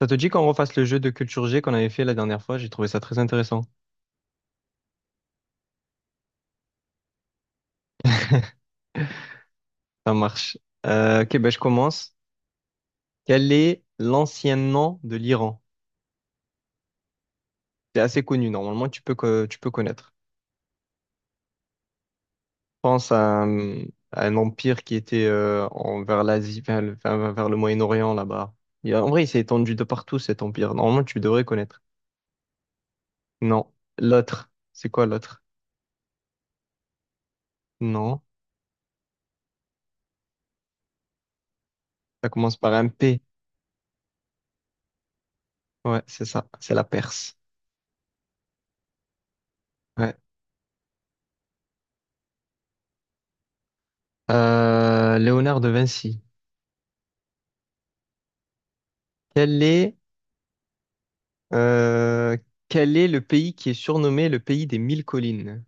Ça te dit qu'on refasse le jeu de culture G qu'on avait fait la dernière fois? J'ai trouvé ça très intéressant. Ça marche. Ok, ben je commence. Quel est l'ancien nom de l'Iran? C'est assez connu, normalement, tu peux connaître. Pense à un empire qui était vers l'Asie, vers le Moyen-Orient, là-bas. Et en vrai, il s'est étendu de partout, cet empire. Normalement, tu devrais connaître. Non. L'autre. C'est quoi l'autre? Non. Ça commence par un P. Ouais, c'est ça. C'est la Perse. Ouais. Léonard de Vinci. Quel est, euh, Quel est le pays qui est surnommé le pays des mille collines?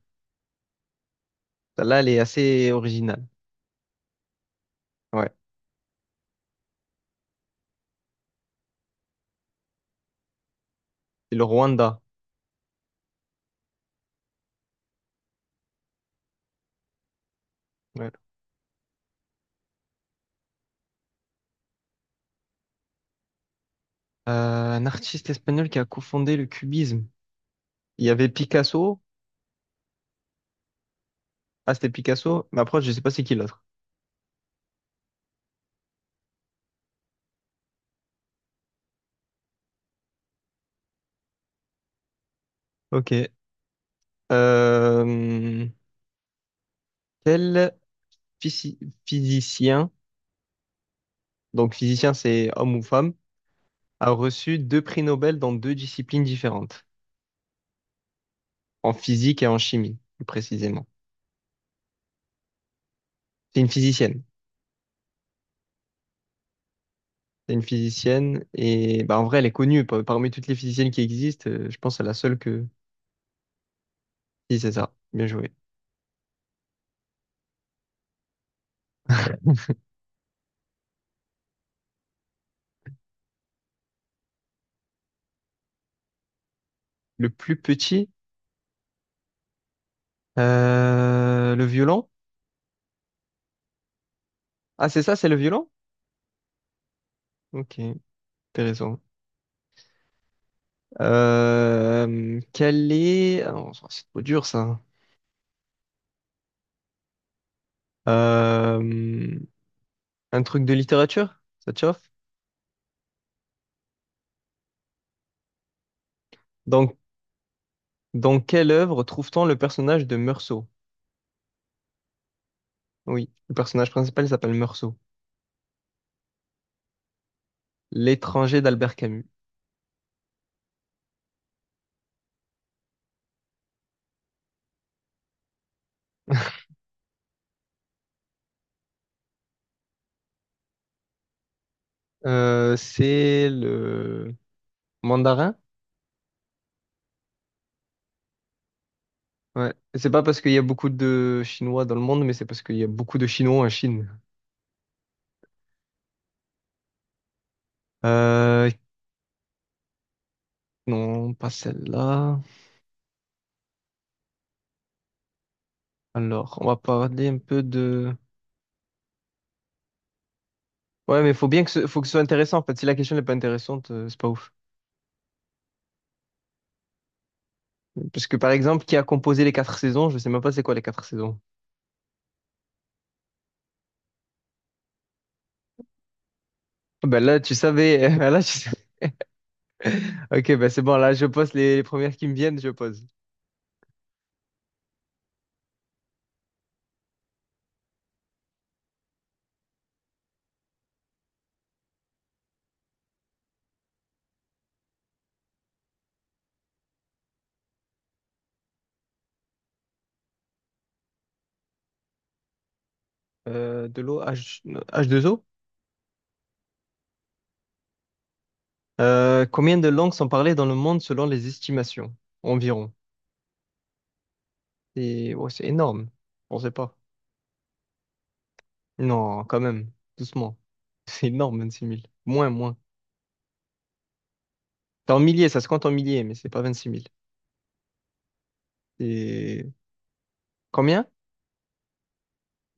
Là, elle est assez originale. Ouais. C'est le Rwanda. Ouais. Un artiste espagnol qui a cofondé le cubisme. Il y avait Picasso. Ah, c'était Picasso. Mais après, je sais pas c'est qui l'autre. Ok. Euh, quel physi- physicien, donc physicien c'est homme ou femme, a reçu deux prix Nobel dans deux disciplines différentes, en physique et en chimie, plus précisément. C'est une physicienne. C'est une physicienne et bah en vrai elle est connue parmi toutes les physiciennes qui existent. Je pense à la seule que. Si c'est ça, bien joué. Le plus petit, le violon. Ah c'est ça, c'est le violon? Ok, intéressant. Ah non, ça, c'est trop dur ça. Euh, un truc de littérature? Ça te chauffe? Dans, dans quelle œuvre trouve-t-on le personnage de Meursault? Oui, le personnage principal il s'appelle Meursault. L'étranger d'Albert Camus. C'est le Mandarin? Ouais. C'est pas parce qu'il y a beaucoup de Chinois dans le monde, mais c'est parce qu'il y a beaucoup de Chinois en Chine. Euh, non, pas celle-là. Alors, on va parler un peu de. Ouais, mais faut bien que ce soit intéressant, en fait. Si la question n'est pas intéressante, c'est pas ouf. Parce que, par exemple, qui a composé les quatre saisons? Je sais même pas c'est quoi les quatre saisons. Ah ben là, tu savais. Ah, là, ok, ben c'est bon. Là, je pose les premières qui me viennent, je pose. De l'eau H2O Combien de langues sont parlées dans le monde selon les estimations? Environ. C'est ouais, c'est énorme. On sait pas. Non, quand même. Doucement. C'est énorme, 26 000. Moins, moins. C'est en milliers, ça se compte en milliers, mais c'est pas 26 000. C'est combien?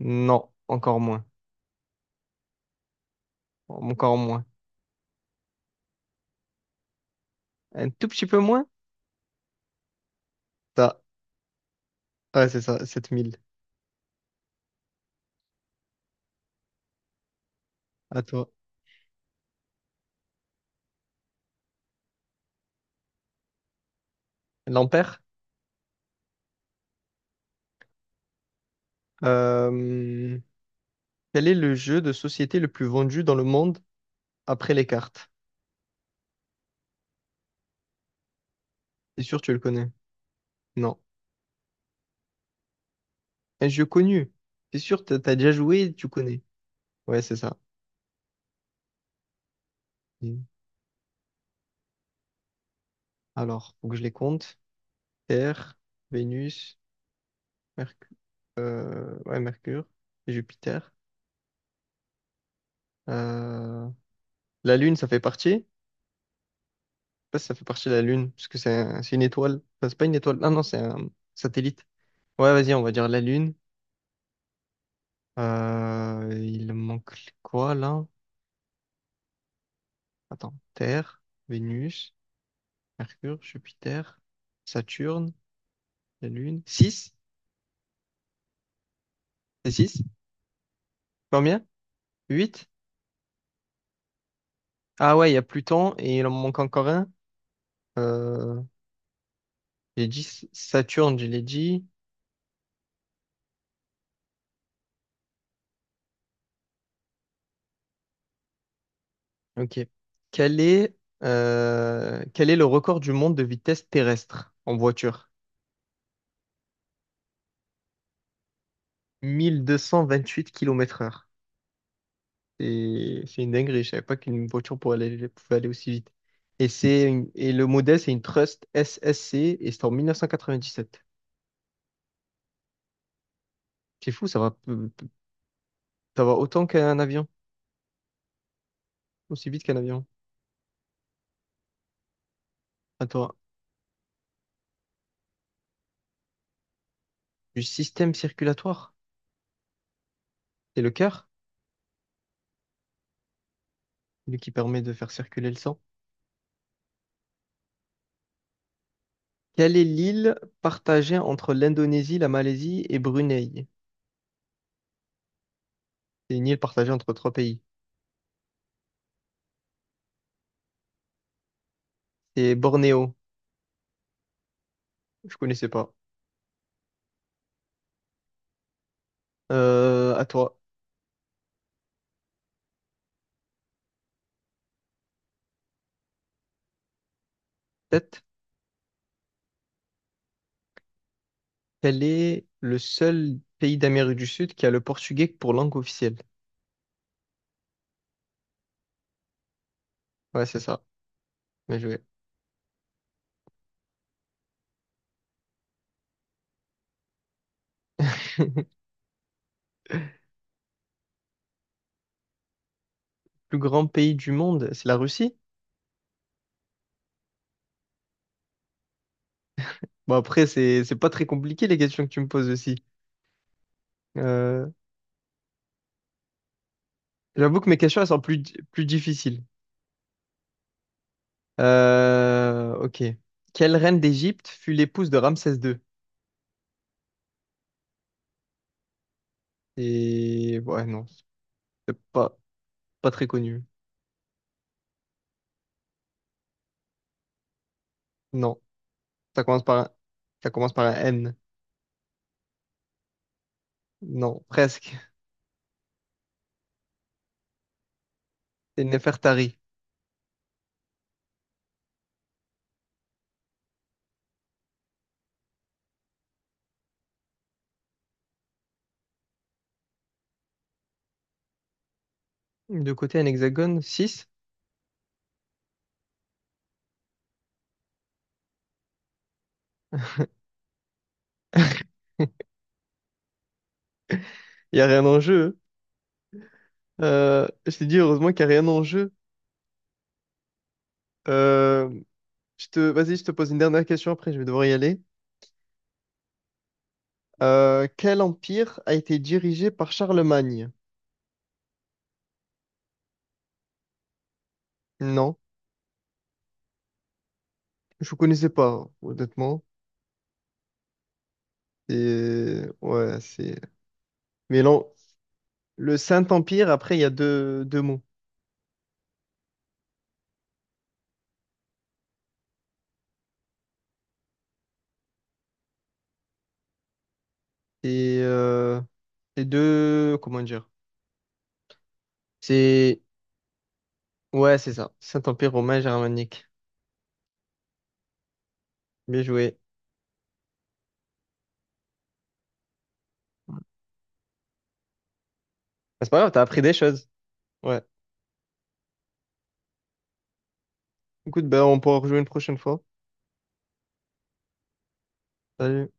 Non, encore moins. Encore moins. Un tout petit peu moins? Ça. Ouais, c'est ça, 7 000. À toi. L'ampère? Euh, Quel est le jeu de société le plus vendu dans le monde après les cartes? C'est sûr, tu le connais. Non. Un jeu connu. C'est sûr, t'as déjà joué, tu connais. Ouais, c'est ça. Mm. Alors, faut que je les compte. Terre, Vénus, Mercure, ouais, et Jupiter. Euh, La Lune, ça fait partie. Je sais pas si ça fait partie de la Lune, parce que c'est c'est une étoile. Enfin, c'est pas une étoile. Non, non, c'est un satellite. Ouais, vas-y, on va dire la Lune. Il manque quoi là? Attends. Terre, Vénus, Mercure, Jupiter, Saturne, la Lune. Six. C'est six. Combien? 8. Ah ouais, il y a Pluton et il en manque encore un. Euh, j'ai dit Saturne, je l'ai dit. Ok. Quel est, Quel est le record du monde de vitesse terrestre en voiture? 1228 km heure. C'est une dinguerie, je savais pas qu'une voiture pouvait aller aussi vite. Et, c'est et le modèle, c'est une Trust SSC et c'est en 1997. C'est fou, ça va autant qu'un avion, aussi vite qu'un avion. Attends, du système circulatoire, c'est le cœur? Celui qui permet de faire circuler le sang. Quelle est l'île partagée entre l'Indonésie, la Malaisie et Brunei? C'est une île partagée entre trois pays. C'est Bornéo. Je connaissais pas. À toi. Tête. Quel est le seul pays d'Amérique du Sud qui a le portugais pour langue officielle? Ouais, c'est ça. Bien joué. Plus grand pays du monde, c'est la Russie? Bon, après, c'est pas très compliqué les questions que tu me poses aussi. Euh, J'avoue que mes questions, elles sont plus, plus difficiles. Ok. Quelle reine d'Égypte fut l'épouse de Ramsès II? Et ouais, non, c'est pas, pas très connu. Non, ça commence par un, ça commence par un N. Non, presque. C'est Nefertari. De côté, un hexagone, six. Il y a rien en jeu. Hein. Je t'ai dit, heureusement qu'il y a rien en jeu. Euh, Vas-y, je te pose une dernière question après, je vais devoir y aller. Quel empire a été dirigé par Charlemagne? Non, je ne connaissais pas, honnêtement. Et ouais, c'est. Mais non, le Saint-Empire, après, il y a deux mots. Et les deux. Comment dire? C'est. Ouais, c'est ça. Saint-Empire romain germanique. Bien joué. Bah, c'est pas grave, t'as appris des choses. Ouais. Écoute, ben, on pourra rejouer une prochaine fois. Salut.